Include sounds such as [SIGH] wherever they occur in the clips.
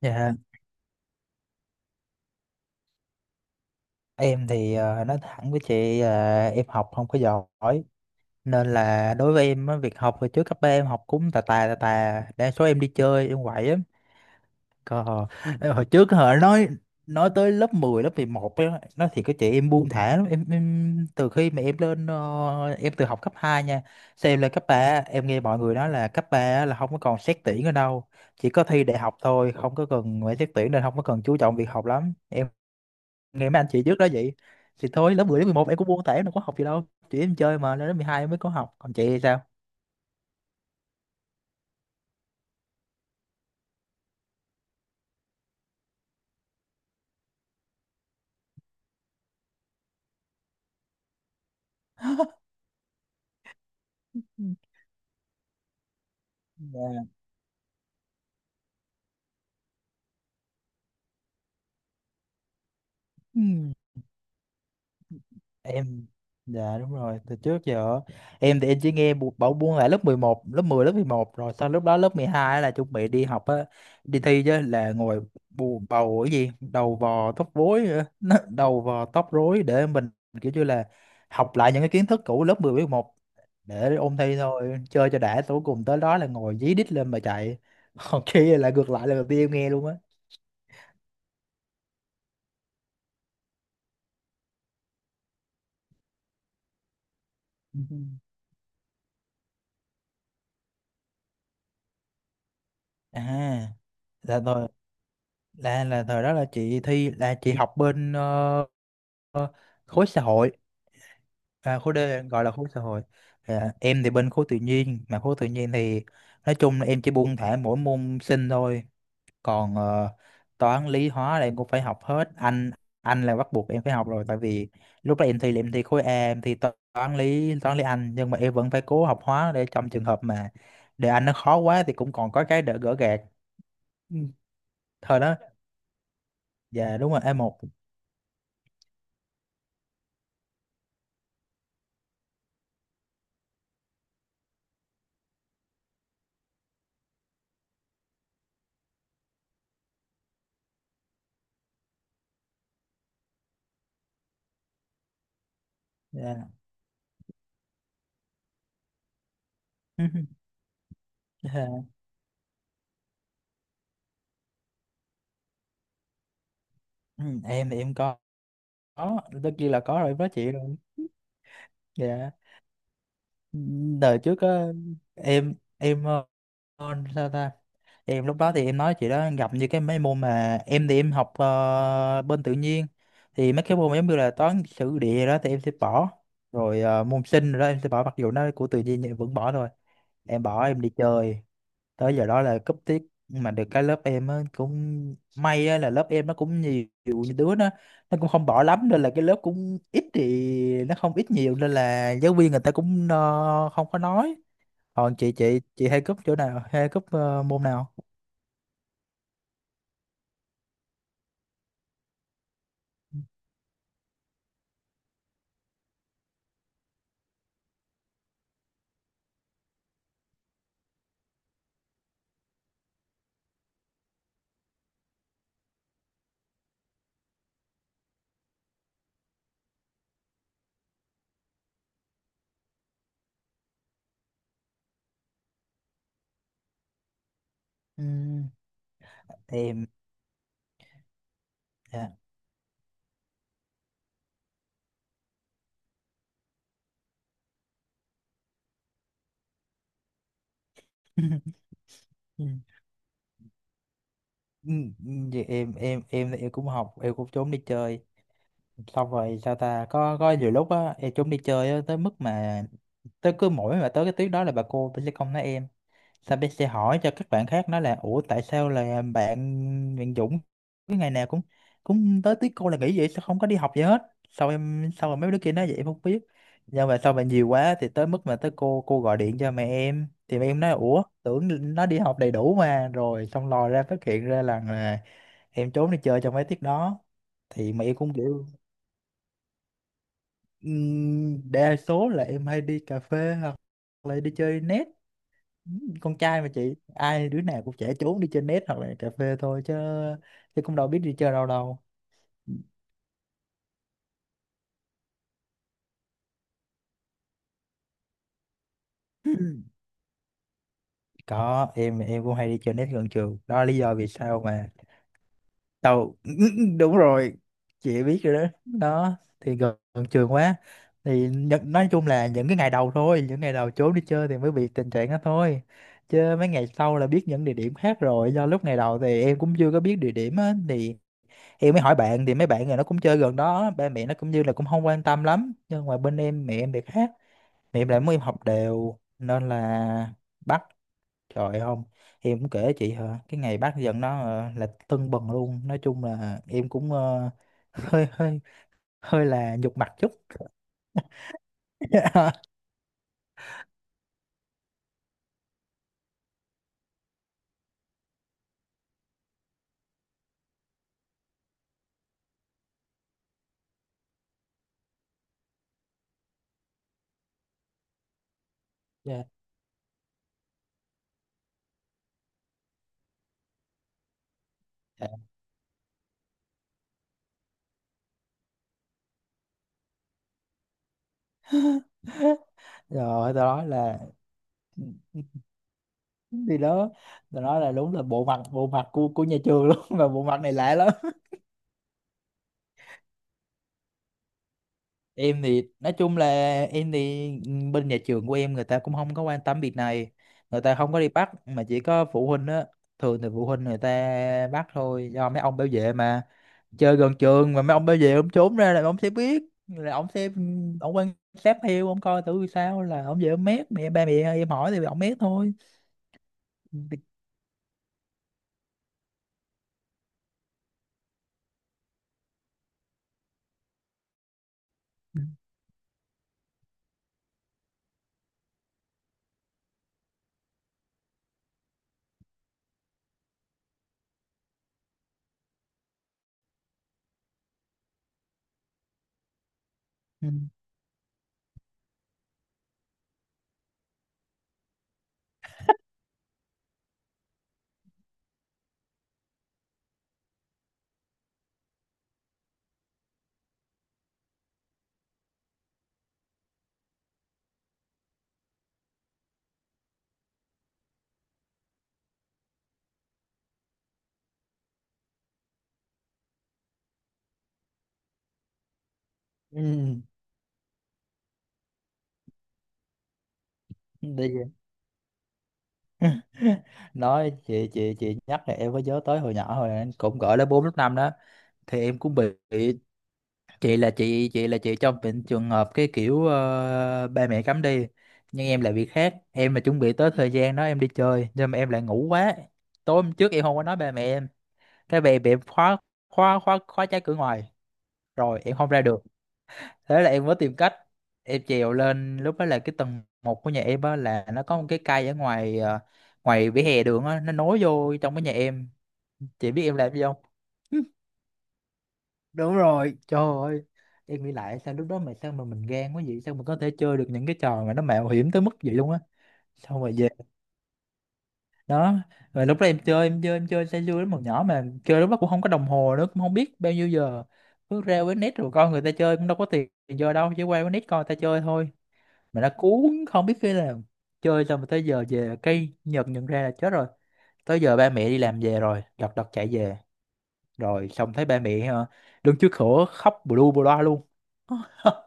Dạ, em thì nói thẳng với chị là em học không có giỏi, nên là đối với em á, việc học hồi trước cấp ba em học cũng tà tà tà tà, đa số em đi chơi, em quậy lắm. Còn hồi hồi trước họ nói tới lớp 10 lớp 11 á, nói thì có chị em buông thả lắm em từ khi mà em lên em từ học cấp 2 nha, xem em lên cấp 3 em nghe mọi người nói là cấp 3 là không có còn xét tuyển ở đâu, chỉ có thi đại học thôi, không có cần phải xét tuyển, nên không có cần chú trọng việc học lắm. Ngày mấy anh chị trước đó vậy thì thôi, lớp 10 đến 11 em cũng buông tay, nó có học gì đâu chị, em chơi. Mà lên lớp 12 em mới có học. Còn chị thì sao? Ừ. Dạ. Ừ. Em, dạ đúng rồi, từ trước giờ em thì em chỉ nghe bảo buông là lớp 11, lớp 10 lớp mười một, rồi sau lúc đó lớp 12 là chuẩn bị đi học á, đi thi, chứ là ngồi bù bầu cái gì đầu vò tóc rối á, [LAUGHS] đầu vò tóc rối để mình kiểu như là học lại những cái kiến thức cũ lớp 10 với 11 để ôn thi thôi, chơi cho đã tối cùng tới đó là ngồi dí đít lên mà chạy. [LAUGHS] Còn kia là ngược lại, là đầu tiên em nghe luôn á. [LAUGHS] Ừ. À, là thời, là thời đó là chị thi, là chị học bên ờ, khối xã hội. À, khối D, gọi là khối xã hội. À, em thì bên khối tự nhiên, mà khối tự nhiên thì nói chung là em chỉ buông thả mỗi môn sinh thôi, còn toán lý hóa là em cũng phải học hết. Anh là bắt buộc em phải học rồi, tại vì lúc đó em thi là em thi khối A, em thi toán lý, toán lý anh, nhưng mà em vẫn phải cố học hóa để trong trường hợp mà đề anh nó khó quá thì cũng còn có cái đỡ gỡ gạc. Ừ, thời đó dạ đúng rồi, a một. Dạ. [LAUGHS] Dạ. Ừ, em thì em có, tất nhiên là có rồi, em nói chị rồi. Dạ, đời trước á, em sao ta, em lúc đó thì em nói chị đó, gặp như cái mấy môn mà em thì em học bên tự nhiên, thì mấy cái môn giống như là toán sử địa đó thì em sẽ bỏ, rồi môn sinh rồi đó em sẽ bỏ, mặc dù nó của tự nhiên nhưng em vẫn bỏ thôi. Em bỏ em đi chơi, tới giờ đó là cúp tiết. Mà được cái lớp em á cũng may á, là lớp em nó cũng nhiều, nhiều đứa nó cũng không bỏ lắm nên là cái lớp cũng ít thì, nó không ít nhiều nên là giáo viên người ta cũng không có nói. Còn chị, chị hay cúp chỗ nào, hay cúp môn nào? Ừ, em. Dạ. [LAUGHS] Ừ, ừ, ừ, vậy em, em cũng học, em cũng trốn đi chơi xong rồi sao ta, có nhiều lúc á em trốn đi chơi á, tới mức mà tới cứ mỗi mà tới cái tuyến đó là bà cô bà sẽ không nói em, sao bé sẽ hỏi cho các bạn khác nói là ủa tại sao là bạn, bạn Dũng cái ngày nào cũng, cũng tới tiết cô là nghỉ vậy, sao không có đi học gì hết. Sao em, sao mà mấy đứa kia nói vậy em không biết, nhưng mà sau mà nhiều quá thì tới mức mà tới cô gọi điện cho mẹ em thì mẹ em nói ủa tưởng nó đi học đầy đủ mà, rồi xong lòi ra phát hiện ra là em trốn đi chơi trong mấy tiết đó, thì mẹ em cũng kiểu. Đa số là em hay đi cà phê hoặc là đi chơi net. Con trai mà chị, ai đứa nào cũng trẻ trốn đi chơi net hoặc là cà phê thôi, chứ chứ cũng đâu biết đi chơi đâu đâu. [CLEARS THROAT] Có, em cũng hay đi chơi net gần trường, đó là lý do vì sao mà tao. [LAUGHS] Đúng rồi, chị biết rồi đó, đó thì gần, gần trường quá thì nhận, nói chung là những cái ngày đầu thôi, những ngày đầu trốn đi chơi thì mới bị tình trạng đó thôi, chứ mấy ngày sau là biết những địa điểm khác rồi, do lúc ngày đầu thì em cũng chưa có biết địa điểm á, thì em mới hỏi bạn thì mấy bạn này nó cũng chơi gần đó, ba mẹ nó cũng như là cũng không quan tâm lắm, nhưng mà bên em mẹ em thì khác. Mẹ em lại muốn em học đều nên là bắt, trời không em cũng kể chị hả, cái ngày bắt dần nó là tưng bừng luôn, nói chung là em cũng [LAUGHS] hơi hơi hơi là nhục mặt chút. [LAUGHS] Dạ. Rồi từ nói là, thì đó, từ nói là đúng là bộ mặt, bộ mặt của nhà trường luôn. [LAUGHS] Mà bộ mặt này lạ lắm. Em thì nói chung là em thì ừ, bên nhà trường của em người ta cũng không có quan tâm việc này, người ta không có đi bắt mà chỉ có phụ huynh á. Thường thì phụ huynh người ta bắt thôi, do mấy ông bảo vệ mà, chơi gần trường mà mấy ông bảo vệ ông trốn ra là ông sẽ biết, là ông sẽ ông quan sát theo, ông coi thử sao là ông về ông mét mẹ, ba mẹ em hỏi thì ông mét thôi. Ừ. Ừ. Ừ. Đi về. [LAUGHS] Nói chị, chị nhắc là em có nhớ tới hồi nhỏ hồi em cũng gọi lớp 4 lớp 5 đó, thì em cũng bị. Chị là chị là chị trong bệnh trường hợp cái kiểu ba mẹ cấm đi, nhưng em là việc khác, em là chuẩn bị tới thời gian đó em đi chơi nhưng mà em lại ngủ quá. Tối hôm trước em không có nói ba mẹ em, cái về bị em khóa, khóa trái cửa ngoài, rồi em không ra được. Thế là em mới tìm cách, em trèo lên. Lúc đó là cái tầng một của nhà em á là nó có một cái cây ở ngoài ngoài vỉa hè đường á, nó nối vô trong cái nhà em. Chị biết em làm gì không? Đúng rồi, trời ơi, em nghĩ lại sao lúc đó mà sao mà mình gan quá vậy, sao mà có thể chơi được những cái trò mà nó mạo hiểm tới mức vậy luôn á. Xong rồi về đó, rồi lúc đó em chơi, em chơi say sưa lắm, hồi nhỏ mà chơi lúc đó cũng không có đồng hồ nữa, cũng không biết bao nhiêu giờ. Cứ ra với net rồi coi người ta chơi, cũng đâu có tiền giờ đâu, chỉ qua với net coi người ta chơi thôi. Mà nó cuốn, không biết khi nào. Chơi xong rồi tới giờ về cây Nhật nhận ra là chết rồi, tới giờ ba mẹ đi làm về rồi, lật đật chạy về, rồi xong thấy ba mẹ đứng trước cửa khóc bù lu bù loa luôn. [LAUGHS]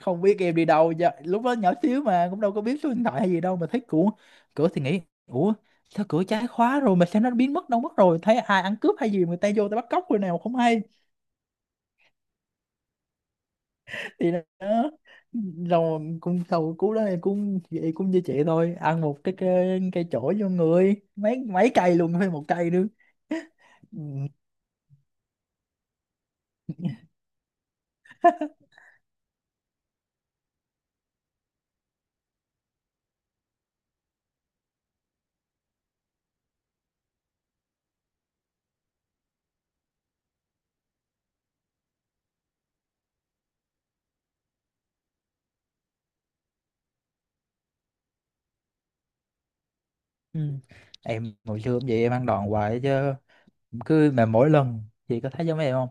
Không biết em đi đâu giờ, lúc đó nhỏ xíu mà cũng đâu có biết số điện thoại hay gì đâu, mà thấy cửa, cửa thì nghĩ ủa sao cửa trái khóa rồi mà sao nó biến mất đâu mất rồi, thấy ai ăn cướp hay gì người ta vô ta bắt cóc rồi nào không hay. Thì đó, rồi cũng sau cú đó em cũng vậy, cũng như chị thôi, ăn một cái cây, cây chổi vô người, mấy mấy cây luôn, phải một cây nữa. Ừ. Ừ. Em hồi xưa cũng vậy, em ăn đòn hoài chứ. Cứ mà mỗi lần, chị có thấy giống em không,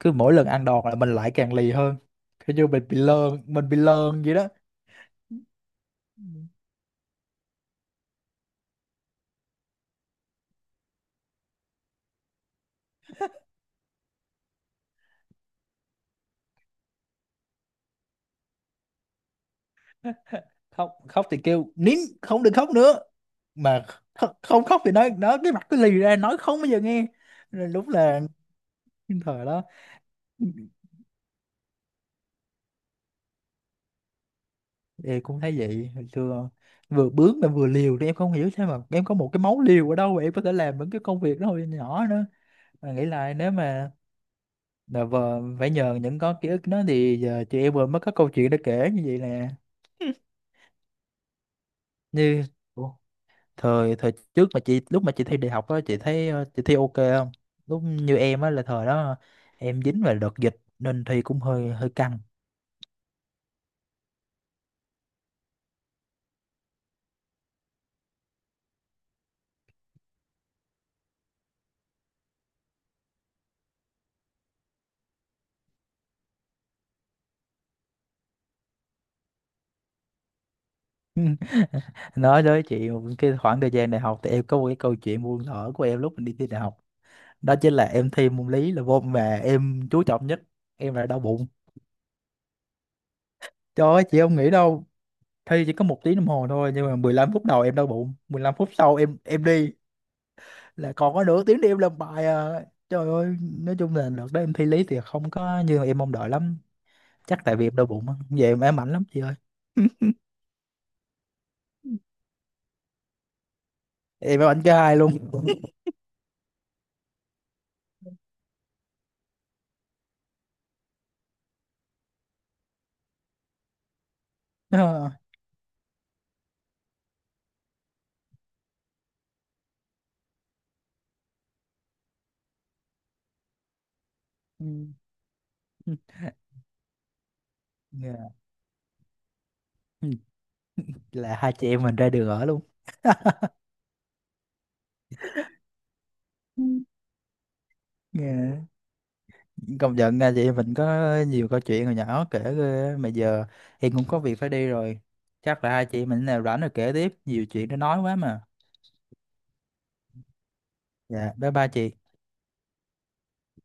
cứ mỗi lần ăn đòn là mình lại càng lì hơn, kiểu như mình bị lơn, mình bị lơn vậy đó. Ừ. Khóc, khóc thì kêu nín, không được khóc nữa, mà không khóc thì nói nó cái mặt cứ lì ra, nói không bao giờ nghe. Rồi đúng là cái thời đó. Em cũng thấy vậy, hồi xưa vừa bướng mà vừa liều, thì em không hiểu sao mà em có một cái máu liều ở đâu mà em có thể làm những cái công việc đó hồi nhỏ nữa. Mà nghĩ lại nếu mà, dạ vâng, phải nhờ những có ký ức đó thì giờ chị em vừa mới có câu chuyện để kể như vậy nè. Như, ủa, thời thời trước mà chị lúc mà chị thi đại học á, chị thấy chị thi ok không? Lúc như em á là thời đó em dính vào đợt dịch nên thi cũng hơi hơi căng. [LAUGHS] Nói với chị một cái khoảng thời gian đại học, thì em có một cái câu chuyện buồn thở của em lúc mình đi thi đại học. Đó chính là em thi môn lý là môn mà em chú trọng nhất, em là đau bụng. Trời ơi, chị không nghĩ đâu. Thi chỉ có một tiếng đồng hồ thôi, nhưng mà 15 phút đầu em đau bụng, 15 phút sau em đi, là còn có nửa tiếng để em làm bài à. Trời ơi, nói chung là đợt đó em thi lý thì không có như em mong đợi lắm, chắc tại vì em đau bụng á, về em ám ảnh lắm chị ơi. [LAUGHS] Em ám ảnh cho hai luôn. [LAUGHS] Ờ. Ừ. Ừ. Dạ. Ừ. Là hai chị em mình ra đường ở luôn. Ừ. Dạ. Công nhận nha, chị em mình có nhiều câu chuyện hồi nhỏ kể ghê á. Mà giờ em cũng có việc phải đi rồi, chắc là hai chị em mình nào rảnh rồi kể tiếp, nhiều chuyện để nói quá mà. Dạ, bye bye chị.